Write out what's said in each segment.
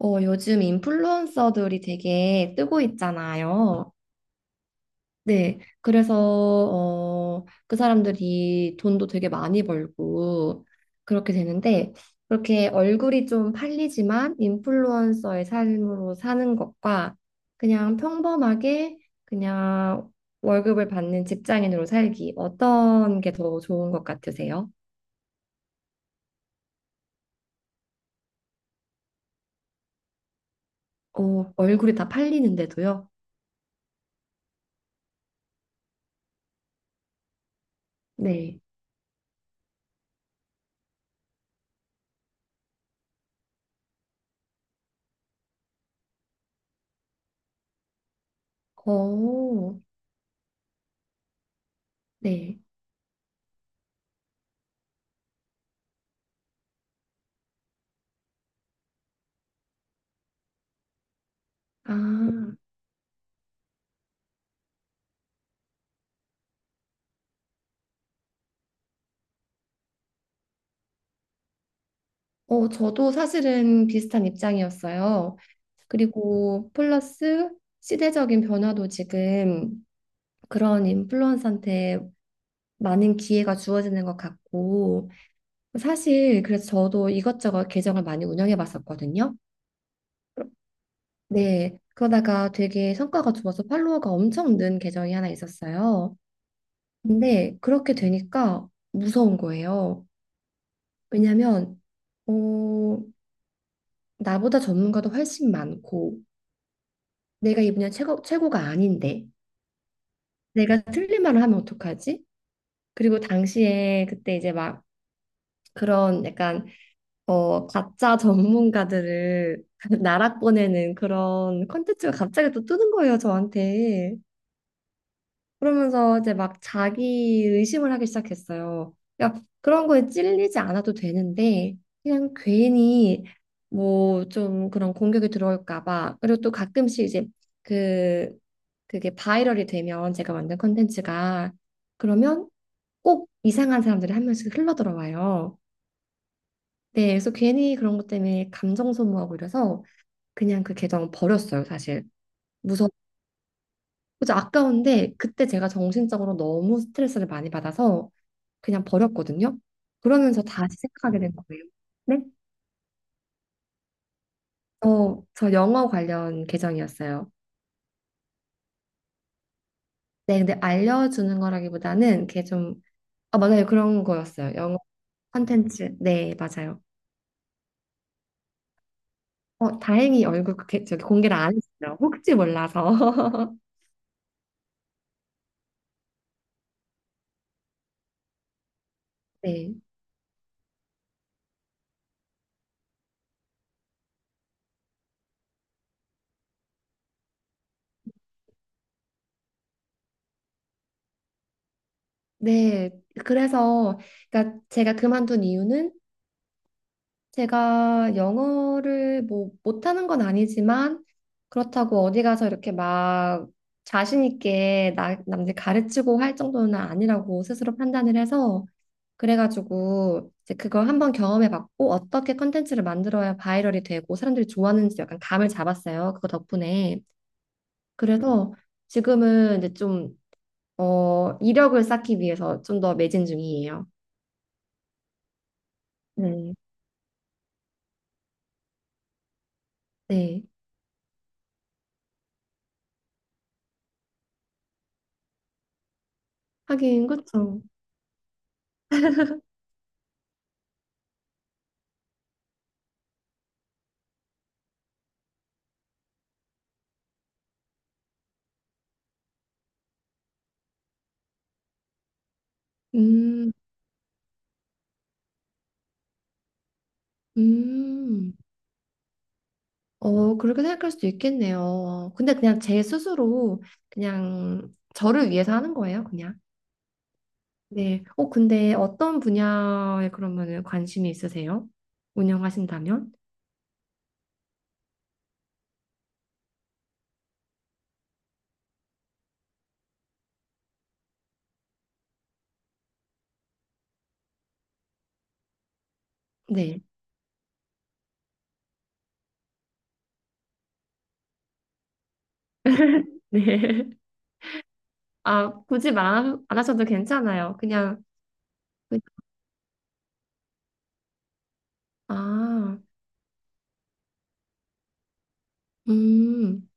요즘 인플루언서들이 되게 뜨고 있잖아요. 네. 그래서 그 사람들이 돈도 되게 많이 벌고, 그렇게 되는데, 그렇게 얼굴이 좀 팔리지만, 인플루언서의 삶으로 사는 것과, 그냥 평범하게, 그냥 월급을 받는 직장인으로 살기, 어떤 게 더 좋은 것 같으세요? 얼굴이 다 팔리는데도요? 네. 어, 네. 아. 저도 사실은 비슷한 입장이었어요. 그리고 플러스 시대적인 변화도 지금 그런 인플루언서한테 많은 기회가 주어지는 것 같고, 사실 그래서 저도 이것저것 계정을 많이 운영해 봤었거든요. 네. 그러다가 되게 성과가 좋아서 팔로워가 엄청 는 계정이 하나 있었어요. 근데 그렇게 되니까 무서운 거예요. 왜냐면, 어, 나보다 전문가도 훨씬 많고, 내가 이 분야 최고, 최고가 아닌데 내가 틀린 말을 하면 어떡하지? 그리고 당시에 그때 이제 막 그런 약간 가짜 전문가들을 나락 보내는 그런 컨텐츠가 갑자기 또 뜨는 거예요 저한테. 그러면서 이제 막 자기 의심을 하기 시작했어요. 야, 그런 거에 찔리지 않아도 되는데, 그냥 괜히 뭐 좀 그런 공격이 들어올까 봐. 그리고 또 가끔씩 이제 그, 그게 바이럴이 되면 제가 만든 컨텐츠가 그러면 꼭 이상한 사람들이 한 명씩 흘러들어와요. 네, 그래서 괜히 그런 것 때문에 감정 소모하고 이래서 그냥 그 계정 버렸어요, 사실. 무서워. 그죠? 아까운데 그때 제가 정신적으로 너무 스트레스를 많이 받아서 그냥 버렸거든요. 그러면서 다시 생각하게 된 거예요. 네? 저 영어 관련 계정이었어요. 네, 근데 알려주는 거라기보다는 이게 좀, 아, 맞아요. 그런 거였어요. 영어 컨텐츠. 네, 맞아요. 다행히 얼굴 그 저기 공개를 안 했어요. 혹시 몰라서. 네. 네. 그래서, 그러니까 제가 그만둔 이유는 제가 영어를 뭐 못하는 건 아니지만 그렇다고 어디 가서 이렇게 막 자신 있게 나, 남들 가르치고 할 정도는 아니라고 스스로 판단을 해서 그래가지고 이제 그걸 한번 경험해봤고 어떻게 컨텐츠를 만들어야 바이럴이 되고 사람들이 좋아하는지 약간 감을 잡았어요. 그거 덕분에. 그래서 지금은 이제 좀 이력을 쌓기 위해서 좀 더 매진 중이에요. 네. 네. 하긴 그렇죠. 음, 음. 그렇게 생각할 수도 있겠네요. 근데 그냥 제 스스로 그냥 저를 위해서 하는 거예요, 그냥. 네. 근데 어떤 분야에 그러면은 관심이 있으세요? 운영하신다면? 네. 네. 아, 굳이 말 안 하셔도 괜찮아요. 그냥, 그- 아, 음,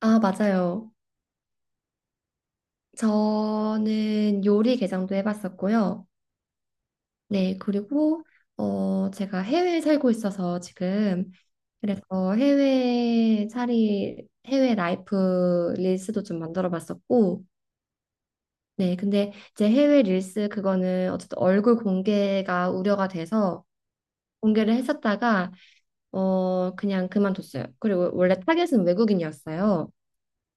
아, 맞아요. 저는 요리 개장도 해봤었고요. 네. 그리고, 제가 해외에 살고 있어서 지금 그래서 해외 살이 해외 라이프 릴스도 좀 만들어 봤었고 네 근데 이제 해외 릴스 그거는 어쨌든 얼굴 공개가 우려가 돼서 공개를 했었다가 그냥 그만뒀어요. 그리고 원래 타겟은 외국인이었어요.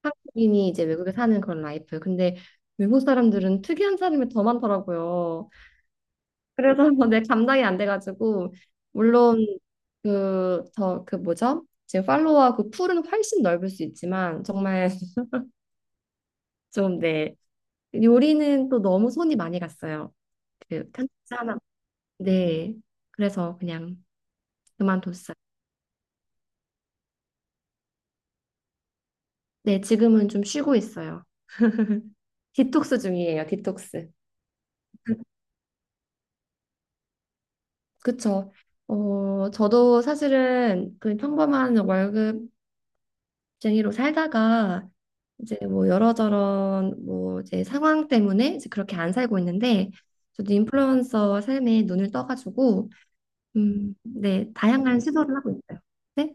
한국인이 이제 외국에 사는 그런 라이프. 근데 외국 사람들은 특이한 사람이 더 많더라고요. 그래서 내 감당이 안 돼가지고 물론 그 더 그 뭐죠? 지금 팔로워 그 풀은 훨씬 넓을 수 있지만 정말 좀 네. 요리는 또 너무 손이 많이 갔어요. 그 편집자 하나. 네. 그래서 그냥 그만뒀어요. 네, 지금은 좀 쉬고 있어요. 디톡스 중이에요. 디톡스. 그쵸. 저도 사실은 그 평범한 월급 쟁이로 살다가 이제 뭐 여러저런 뭐 이제 상황 때문에 이제 그렇게 안 살고 있는데 저도 인플루언서 삶에 눈을 떠가지고 네, 다양한 시도를 하고 있어요. 네?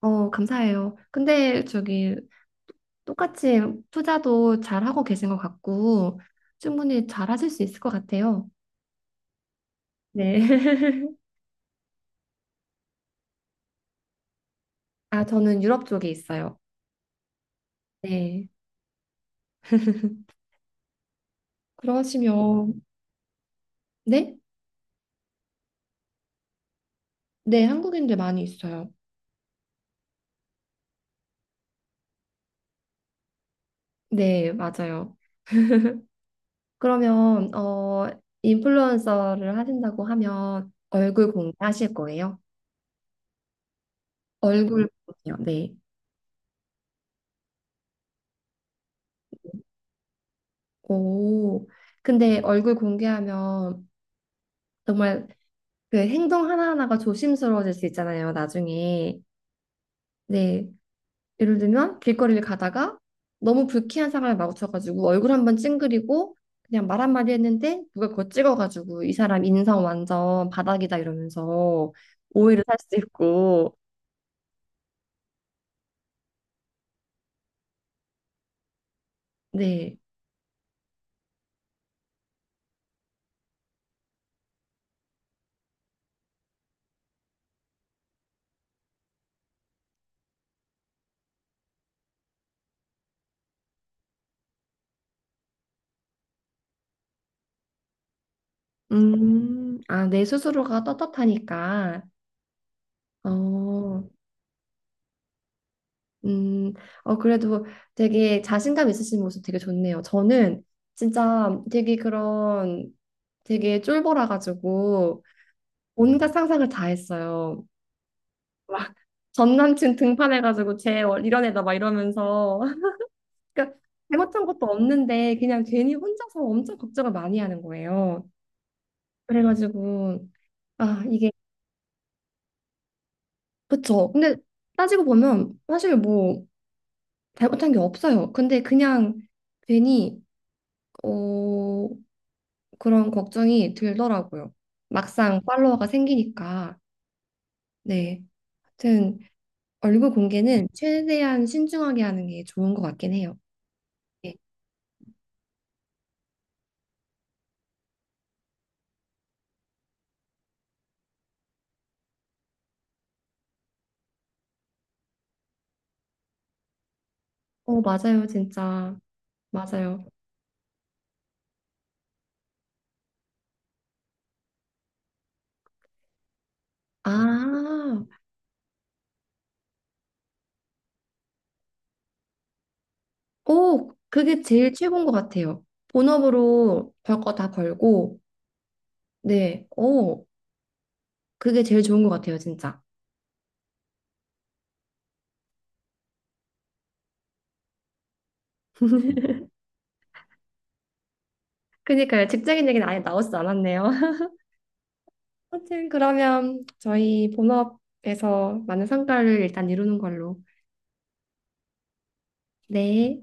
감사해요. 근데 저기 똑같이 투자도 잘 하고 계신 것 같고 충분히 잘 하실 수 있을 것 같아요. 네. 아, 저는 유럽 쪽에 있어요. 네. 그러시면 네? 네, 한국인들 많이 있어요. 네, 맞아요. 그러면 인플루언서를 하신다고 하면 얼굴 공개하실 거예요? 얼굴 공개요. 네. 오. 근데 얼굴 공개하면 정말 그 행동 하나하나가 조심스러워질 수 있잖아요, 나중에. 네. 예를 들면 길거리를 가다가 너무 불쾌한 상황에 마주쳐가지고 얼굴 한번 찡그리고 그냥 말 한마디 했는데 누가 그거 찍어가지고 이 사람 인성 완전 바닥이다 이러면서 오해를 살 수 있고. 네. 아, 내 스스로가 떳떳하니까. 어, 음, 그래도 되게 자신감 있으신 모습 되게 좋네요. 저는 진짜 되게 그런 되게 쫄보라가지고 온갖 상상을 다 했어요. 막 전 남친 등판해가지고 쟤 이런 애다 막 이러면서. 그러니까 잘못한 것도 없는데 그냥 괜히 혼자서 엄청 걱정을 많이 하는 거예요. 그래가지고, 아, 이게, 그쵸. 근데 따지고 보면 사실 뭐 잘못한 게 없어요. 근데 그냥 괜히 어, 그런 걱정이 들더라고요. 막상 팔로워가 생기니까. 네. 하여튼 얼굴 공개는 최대한 신중하게 하는 게 좋은 것 같긴 해요. 네. 어, 맞아요, 진짜. 맞아요. 아, 오, 그게 제일 최고인 것 같아요. 본업으로 벌 거 다 벌고, 네, 오, 그게 제일 좋은 것 같아요, 진짜. 그니까요, 직장인 얘기는 아예 나오지 않았네요. 하여튼 그러면 저희 본업에서 많은 성과를 일단 이루는 걸로. 네.